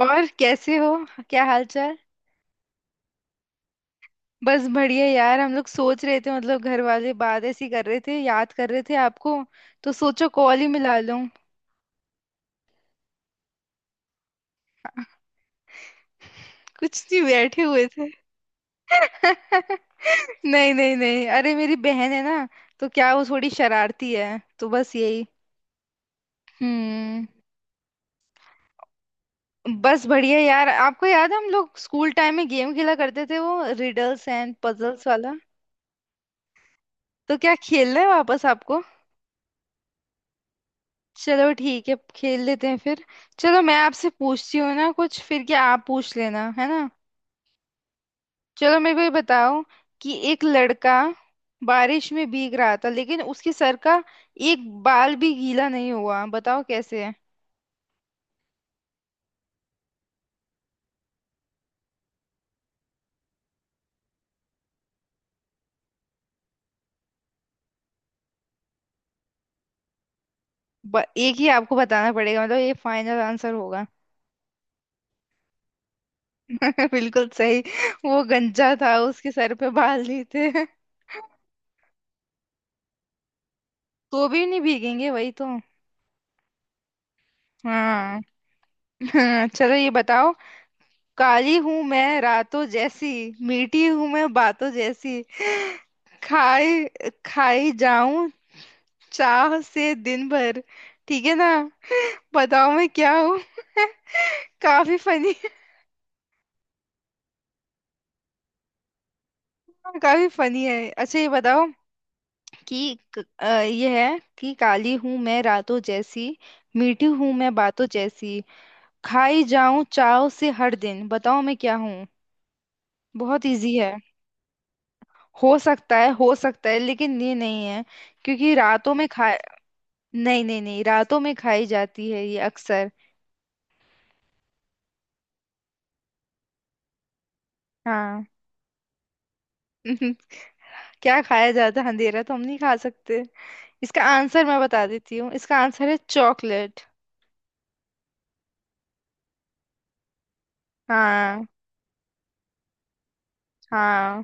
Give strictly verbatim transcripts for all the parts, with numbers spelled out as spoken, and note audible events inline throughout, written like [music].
और कैसे हो। क्या हाल चाल। बस बढ़िया यार। हम लोग सोच रहे थे मतलब घर वाले बात ऐसी कर रहे थे, याद कर रहे थे आपको। तो सोचो कॉल ही मिला लूं। [laughs] कुछ नहीं, बैठे हुए थे। [laughs] नहीं नहीं नहीं, अरे मेरी बहन है ना, तो क्या वो थोड़ी शरारती है, तो बस यही। हम्म। बस बढ़िया यार। आपको याद है हम लोग स्कूल टाइम में गेम खेला करते थे, वो रिडल्स एंड पजल्स वाला? तो क्या खेलना है वापस आपको? चलो ठीक है खेल लेते हैं फिर। चलो मैं आपसे पूछती हूँ ना कुछ, फिर क्या आप पूछ लेना है ना। चलो मेरे को ये बताओ कि एक लड़का बारिश में भीग रहा था, लेकिन उसके सर का एक बाल भी गीला नहीं हुआ। बताओ कैसे है। ब- एक ही आपको बताना पड़ेगा, मतलब ये फाइनल आंसर होगा। [laughs] बिल्कुल सही। वो गंजा था, उसके सर पे बाल नहीं थे। [laughs] तो भी नहीं भीगेंगे वही तो। हाँ। [laughs] चलो ये बताओ। काली हूं मैं रातों जैसी, मीठी हूं मैं बातों जैसी, खाई खाई जाऊं चाह से दिन भर, ठीक है ना? बताओ मैं क्या हूँ। [laughs] काफी फनी। काफी फनी है। अच्छा ये बताओ कि क- अ, ये है कि काली हूं मैं रातों जैसी, मीठी हूं मैं बातों जैसी, खाई जाऊं चाव से हर दिन। बताओ मैं क्या हूँ। बहुत इजी है। हो सकता है, हो सकता है, लेकिन ये नहीं है। क्योंकि रातों में खा, नहीं नहीं नहीं, रातों में खाई जाती है ये अक्सर। हाँ। [laughs] क्या खाया जाता है? अंधेरा तो हम नहीं खा सकते। इसका आंसर मैं बता देती हूँ। इसका आंसर है चॉकलेट। हाँ। हाँ,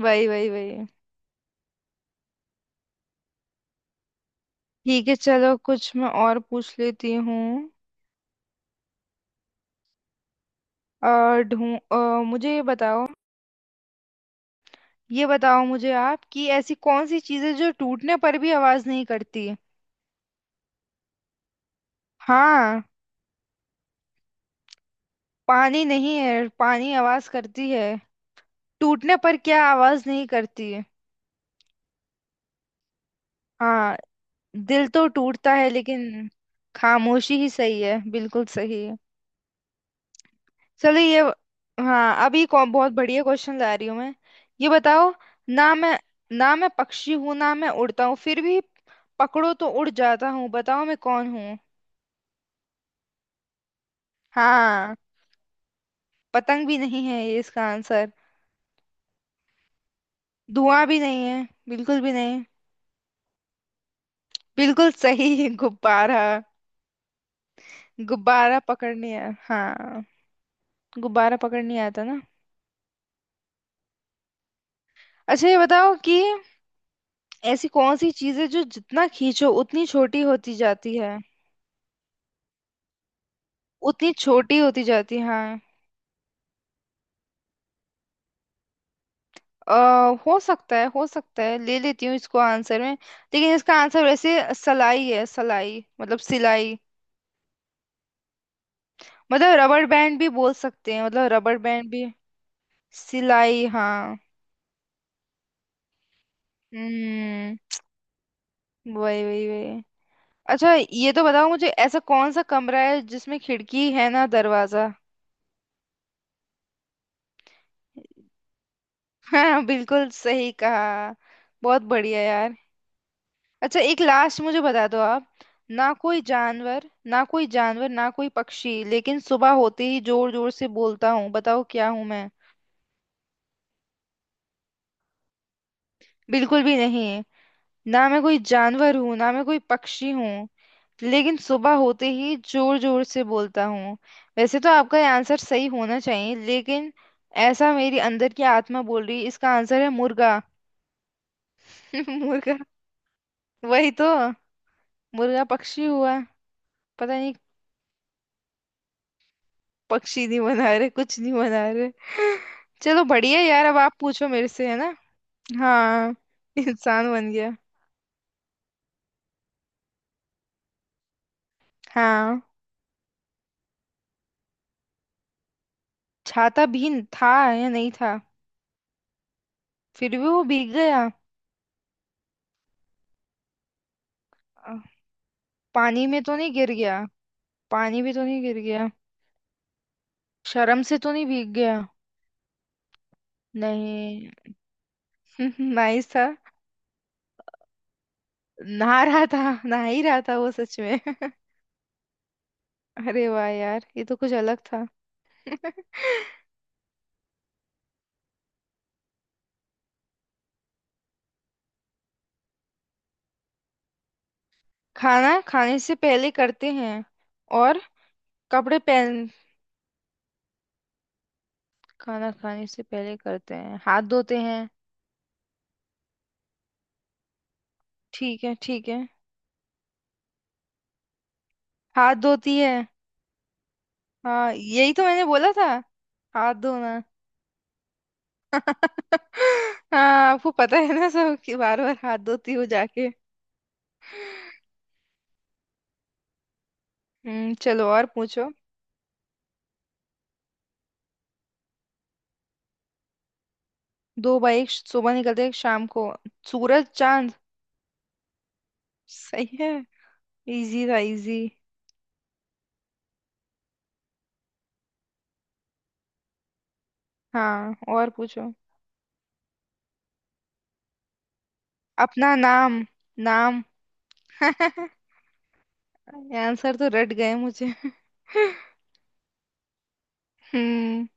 वही वही वही। ठीक है। चलो कुछ मैं और पूछ लेती हूँ। और ढूं अ, मुझे ये बताओ। ये बताओ मुझे आप कि ऐसी कौन सी चीज़ है जो टूटने पर भी आवाज नहीं करती। हाँ। पानी नहीं है, पानी आवाज करती है। टूटने पर क्या आवाज नहीं करती है? हाँ। दिल तो टूटता है, लेकिन। खामोशी ही सही है, बिल्कुल सही है। चलो ये। हाँ। अभी कौ- बहुत बढ़िया क्वेश्चन ला रही हूँ मैं। ये बताओ। ना मैं ना मैं पक्षी हूँ, ना मैं उड़ता हूँ, फिर भी पकड़ो तो उड़ जाता हूँ। बताओ मैं कौन हूँ। हाँ। पतंग भी नहीं है ये इसका आंसर। धुआं भी नहीं है, बिल्कुल भी नहीं। बिल्कुल सही। [laughs] गुब्बारा। गुब्बारा पकड़ने आ- हाँ। गुब्बारा पकड़ने आता ना। अच्छा ये बताओ कि ऐसी कौन सी चीज है जो जितना खींचो उतनी छोटी होती जाती है। उतनी छोटी होती जाती है, हाँ। अ, हो सकता है, हो सकता है, ले लेती हूँ इसको आंसर में। लेकिन इसका आंसर वैसे सलाई है। सलाई मतलब सिलाई। मतलब रबड़ बैंड भी बोल सकते हैं, मतलब रबड़ बैंड भी। सिलाई हाँ। हम्म, वही वही वही। अच्छा ये तो बताओ मुझे ऐसा कौन सा कमरा है जिसमें खिड़की है ना दरवाजा। हाँ, बिल्कुल सही कहा। बहुत बढ़िया यार। अच्छा एक लास्ट मुझे बता दो आप। ना कोई जानवर ना कोई जानवर ना कोई पक्षी, लेकिन सुबह होते ही जोर जोर से बोलता हूँ। बताओ क्या हूँ मैं। बिल्कुल भी नहीं। ना मैं कोई जानवर हूँ ना मैं कोई पक्षी हूँ, लेकिन सुबह होते ही जोर जोर से बोलता हूँ। वैसे तो आपका ये आंसर सही होना चाहिए, लेकिन ऐसा मेरी अंदर की आत्मा बोल रही है। इसका आंसर है मुर्गा। [laughs] मुर्गा, वही तो। मुर्गा पक्षी हुआ। पता नहीं। पक्षी नहीं बना रहे, कुछ नहीं बना रहे। [laughs] चलो बढ़िया यार। अब आप पूछो मेरे से है ना। हाँ, इंसान बन गया। हाँ। छाता भीन था या नहीं था, फिर भी वो भीग गया। अ, पानी में तो नहीं गिर गया। पानी भी तो नहीं गिर गया। शर्म से तो नहीं भीग गया। नहीं। [laughs] नाइस था। नहा रहा था, नहा ही रहा था वो सच में। [laughs] अरे वाह यार, ये तो कुछ अलग था। [laughs] खाना खाने से पहले करते हैं। और कपड़े पहन। खाना खाने से पहले करते हैं हाथ धोते हैं। ठीक है, ठीक है। हाथ धोती है। हाँ, यही तो मैंने बोला था। हाथ धोना। [laughs] हाँ। आपको पता है ना सब कि बार बार हाथ धोती हूँ जाके। हम्म। चलो और पूछो। दो भाई एक सुबह निकलते एक शाम को, सूरज चांद। सही है। इजी था, इजी। हाँ, और पूछो। अपना नाम। नाम। [laughs] आंसर तो रट गए मुझे। हम्म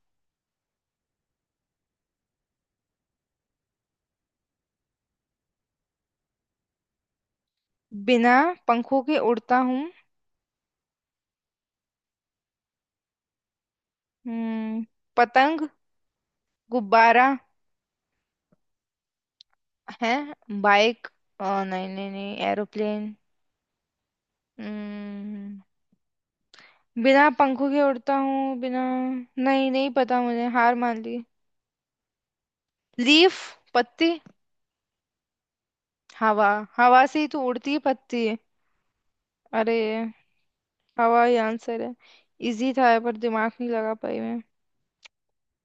बिना पंखों के उड़ता हूँ। हम्म पतंग, गुब्बारा है, बाइक, अ, नहीं नहीं नहीं, एरोप्लेन। हम्म बिना पंखों के उड़ता हूँ, बिना। नहीं, नहीं पता मुझे, हार मान ली। लीफ, पत्ती, हवा। हवा से ही तो उड़ती है पत्ती। अरे, हवा ही आंसर है। इजी था ये, पर दिमाग नहीं लगा पाई मैं।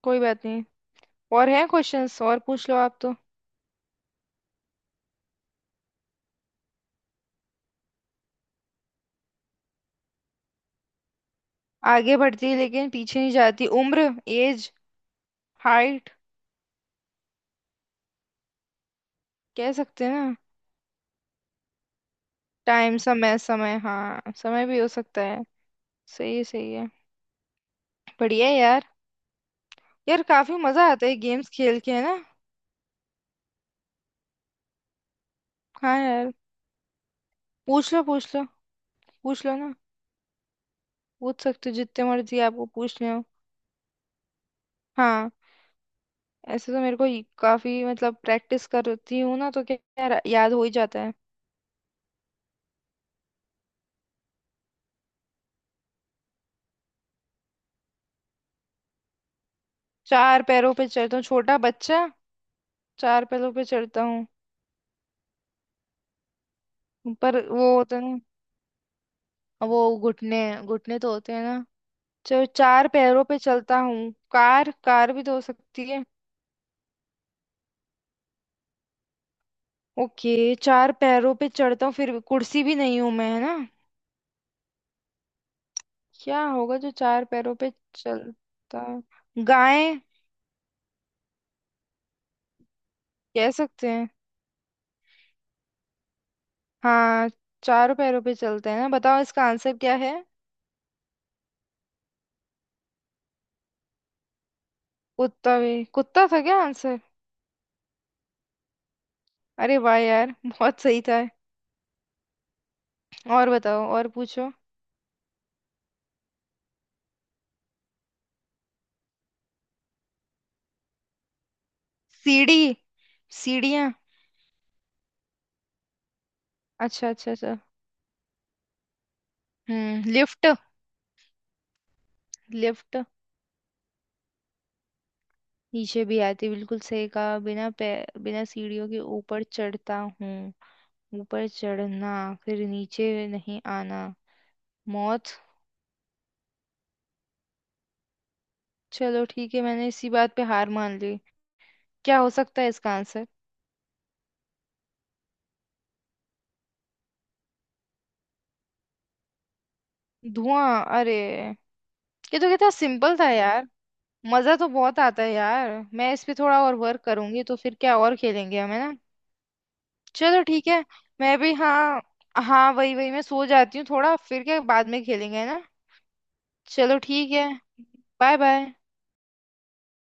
कोई बात नहीं। और है क्वेश्चंस, और पूछ लो आप तो। आगे बढ़ती है लेकिन पीछे नहीं जाती। उम्र, एज, हाइट। कह सकते हैं ना। टाइम, समय, समय, हाँ, समय भी हो सकता है। सही है, सही है। बढ़िया है यार। यार काफी मजा आता है गेम्स खेल के, है ना। हाँ यार। पूछ लो, पूछ लो, पूछ लो ना। पूछ सकते हो जितने मर्जी आपको पूछने हो। हाँ। ऐसे तो मेरे को ये- काफी मतलब प्रैक्टिस करती हूँ ना, तो क्या क्या रा- याद हो ही जाता है। चार पैरों पे चलता हूँ छोटा बच्चा। चार पैरों पे चलता हूँ। पर वो होता है ना, वो घुटने। घुटने तो होते हैं ना। चलो, चार पैरों पे चलता हूँ, कार, कार भी तो हो सकती है। ओके। चार पैरों पे चढ़ता हूँ, फिर भी- कुर्सी भी नहीं हूँ मैं, है ना। क्या होगा जो चार पैरों पे चलता है? गाय। कह सकते हैं। हाँ, चार पैरों पे चलते हैं ना। बताओ इसका आंसर क्या है। कुत्ता भी, कुत्ता था क्या आंसर? अरे वाह यार। [laughs] बहुत सही था। और बताओ, और पूछो। सीढ़ी, सीढ़ियाँ। अच्छा, अच्छा, अच्छा। हम्म लिफ्ट, लिफ्ट। नीचे भी आती, बिल्कुल सही कहा। बिना पे, बिना सीढ़ियों के ऊपर चढ़ता हूँ, ऊपर चढ़ना, फिर नीचे नहीं आना, मौत। चलो ठीक है, मैंने इसी बात पे हार मान ली। क्या हो सकता है इसका आंसर? धुआं। अरे! ये तो कितना सिंपल था यार। मजा तो बहुत आता है यार, मैं इस पे थोड़ा और वर्क करूंगी तो फिर क्या, और खेलेंगे हम, है ना। चलो ठीक है। मैं भी, हाँ, हाँ, वही वही। मैं सो जाती हूँ थोड़ा, फिर क्या बाद में खेलेंगे, है ना। चलो ठीक है। Bye bye.